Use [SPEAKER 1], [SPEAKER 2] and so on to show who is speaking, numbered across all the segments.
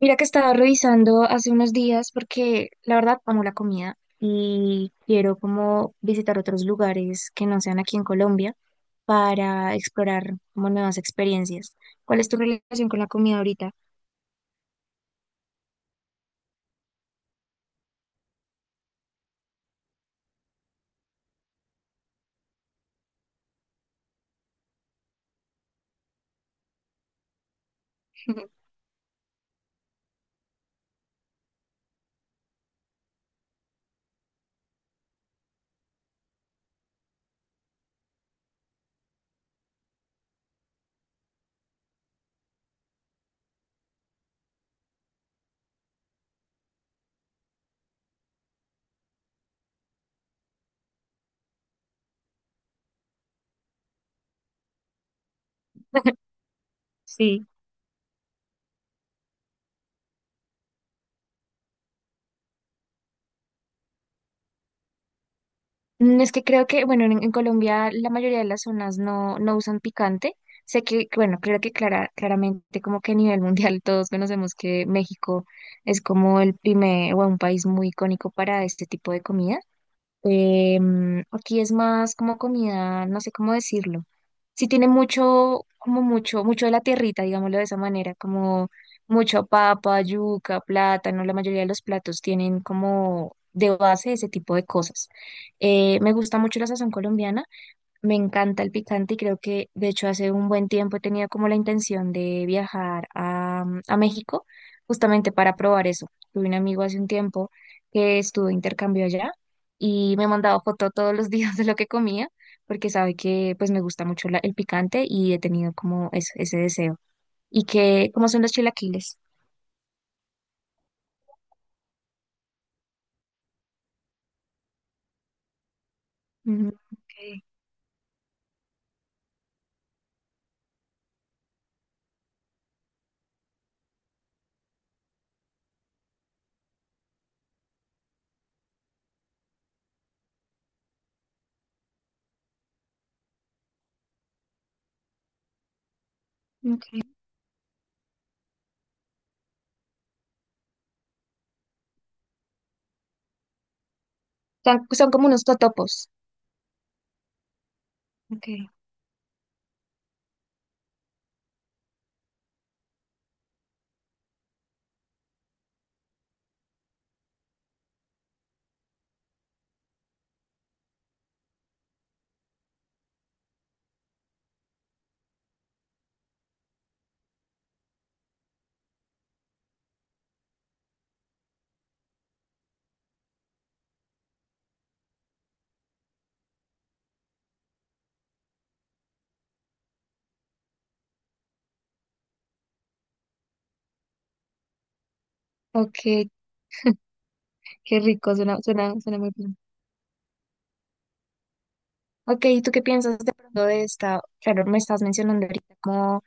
[SPEAKER 1] Mira que estaba revisando hace unos días porque la verdad amo la comida y quiero como visitar otros lugares que no sean aquí en Colombia para explorar como nuevas experiencias. ¿Cuál es tu relación con la comida ahorita? Sí. Es que creo que, bueno, en Colombia la mayoría de las zonas no usan picante. Sé que, bueno, creo que claramente como que a nivel mundial todos conocemos que México es como el primer o un país muy icónico para este tipo de comidas. Aquí es más como comida, no sé cómo decirlo. Sí tiene mucho, como mucho, mucho de la tierrita, digámoslo de esa manera, como mucho papa, yuca, plátano, la mayoría de los platos tienen como de base ese tipo de cosas. Me gusta mucho la sazón colombiana. Me encanta el picante y creo que de hecho hace un buen tiempo tenía como la intención de viajar a, a México justamente para probar eso. Tuve un amigo hace un tiempo que estuvo de intercambio allá y me mandaba foto todos los días de lo que comía porque sabe que pues me gusta mucho el picante y he tenido como ese deseo. ¿Y que cómo son los chilaquiles? Ujú. Okay. okay, Son, son como unos totopos. Okay, okay. Qué rico, suena, suena, suena muy bien. Ok, ¿y tú qué piensas de pronto de esta? Claro, me estás mencionando ahorita como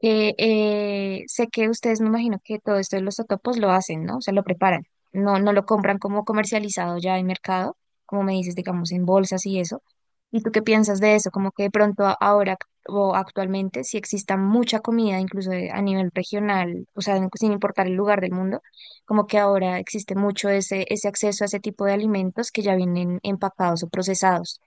[SPEAKER 1] sé que ustedes, me imagino que todo esto de los totopos lo hacen, ¿no? O sea, lo preparan. No lo compran como comercializado ya en mercado, como me dices, digamos, en bolsas y eso. ¿Y tú qué piensas de eso? Como que de pronto ahora o actualmente, si exista mucha comida, incluso a nivel regional, o sea, sin importar el lugar del mundo, como que ahora existe mucho ese, ese acceso a ese tipo de alimentos que ya vienen empacados o procesados.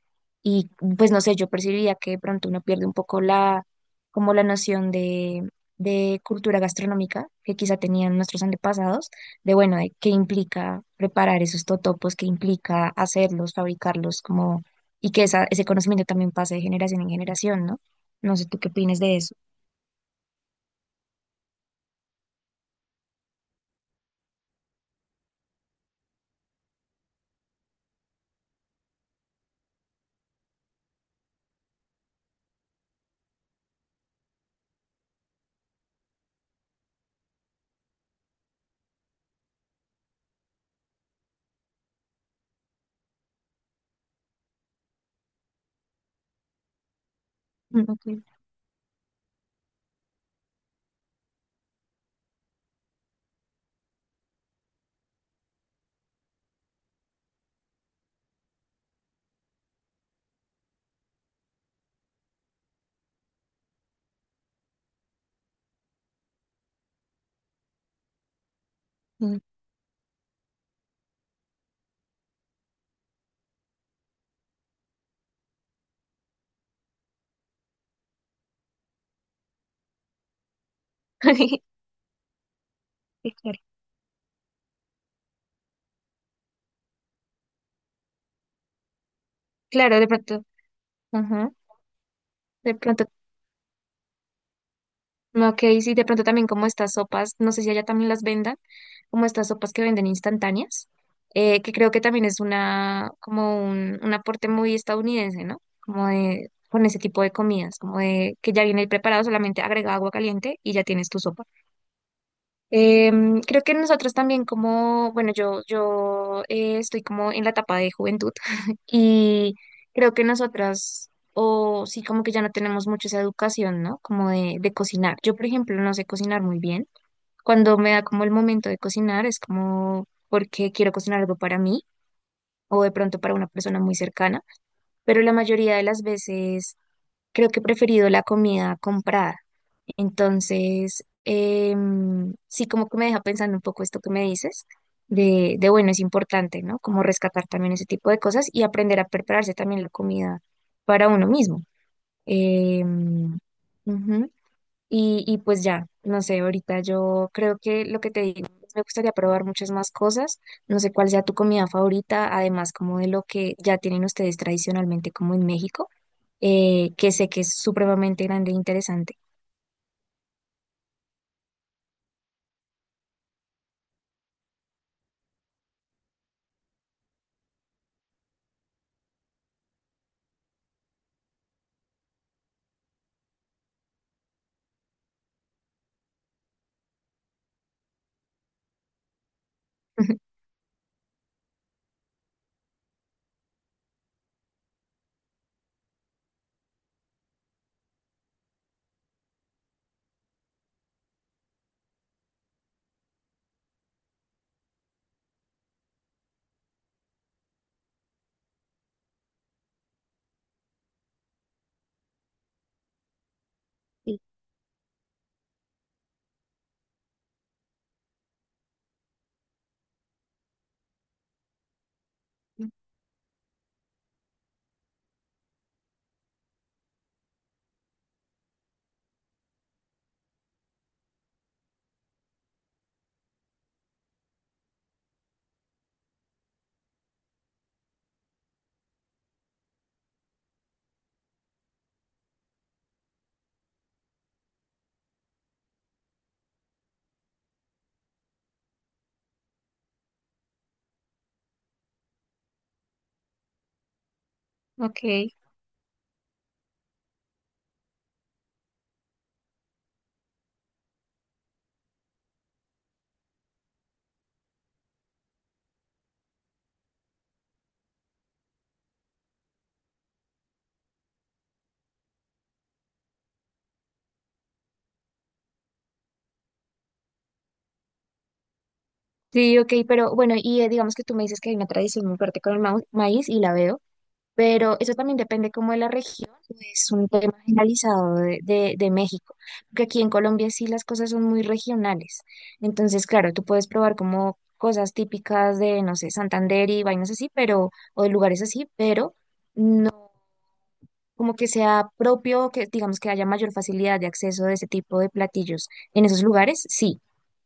[SPEAKER 1] Y pues no sé, yo percibía que de pronto uno pierde un poco la como la noción de cultura gastronómica que quizá tenían nuestros antepasados, de bueno, de qué implica preparar esos totopos, qué implica hacerlos, fabricarlos, como, y que esa, ese conocimiento también pase de generación en generación, ¿no? No sé tú qué opinas de eso. Mm, ok. Mm. Sí. Claro. Claro, de pronto, ajá. De pronto. Ok, sí, de pronto también como estas sopas, no sé si allá también las vendan, como estas sopas que venden instantáneas, que creo que también es una, como un aporte muy estadounidense, ¿no? Como de, con ese tipo de comidas, como de que ya viene preparado, solamente agrega agua caliente y ya tienes tu sopa. Creo que nosotros también como, bueno, yo estoy como en la etapa de juventud y creo que nosotras, o sí, como que ya no tenemos mucho esa educación, ¿no? Como de cocinar. Yo, por ejemplo, no sé cocinar muy bien. Cuando me da como el momento de cocinar, es como porque quiero cocinar algo para mí o de pronto para una persona muy cercana, pero la mayoría de las veces creo que he preferido la comida comprada. Entonces, sí, como que me deja pensando un poco esto que me dices, de bueno, es importante, ¿no? Como rescatar también ese tipo de cosas y aprender a prepararse también la comida para uno mismo. Em. Ujú. Y pues ya, no sé, ahorita yo creo que lo que te digo, pues, me gustaría probar muchas más cosas, no sé cuál sea tu comida favorita, además como de lo que ya tienen ustedes tradicionalmente como en México, que sé que es supremamente grande e interesante. Sí. Ok, sí, ok, pero bueno, y digamos que tú me dices que hay una tradición muy fuerte con el maíz y la veo, pero eso también depende como de la región, no es un tema generalizado de México, porque aquí en Colombia sí las cosas son muy regionales, entonces claro, tú puedes probar como cosas típicas de, no sé, Santander y vainas así, pero, o de lugares así, pero no. Como que sea propio, que digamos que haya mayor facilidad de acceso de ese tipo de platillos en esos lugares, sí,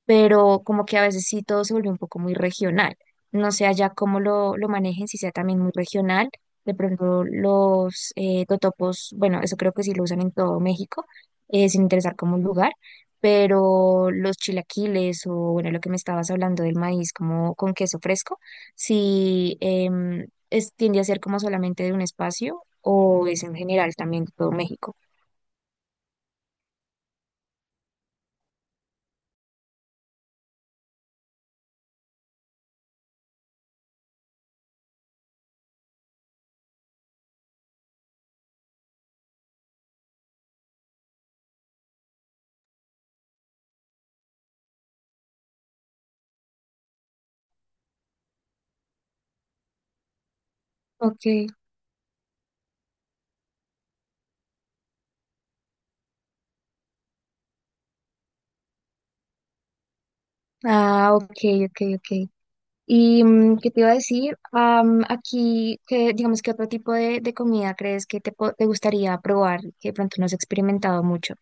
[SPEAKER 1] pero como que a veces sí todo se vuelve un poco muy regional. No sé allá cómo lo manejen, si sea también muy regional. De pronto los totopos, bueno, eso creo que sí lo usan en todo México, sin interesar como un lugar, pero los chilaquiles o bueno, lo que me estabas hablando del maíz como con queso fresco, sí es, tiende a ser como solamente de un espacio o es en general también todo México? Ok, ah, ok, ok, ok. ¿Y qué te iba a decir? Am, aquí, ¿qué, digamos, qué otro tipo de comida crees que te, te gustaría probar que de pronto no has experimentado mucho?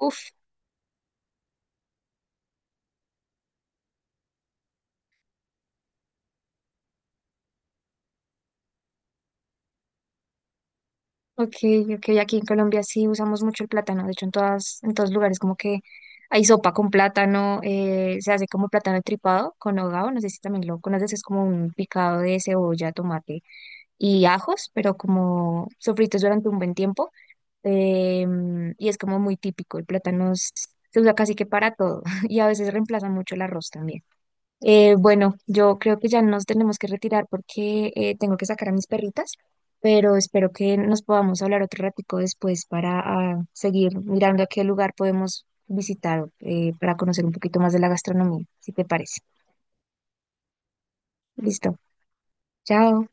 [SPEAKER 1] Uf, ok, ok, aquí en Colombia sí usamos mucho el plátano, de hecho en todas, en todos lugares como que hay sopa con plátano, se hace como plátano tripado con hogao, no sé si también lo conoces, es como un picado de cebolla, tomate y ajos, pero como sofritos durante un buen tiempo y es como muy típico, el plátano se usa casi que para todo y a veces reemplaza mucho el arroz también. Bueno, yo creo que ya nos tenemos que retirar porque tengo que sacar a mis perritas, pero espero que nos podamos hablar otro ratico después para seguir mirando a qué lugar podemos visitar para conocer un poquito más de la gastronomía, si te parece. Listo, chao.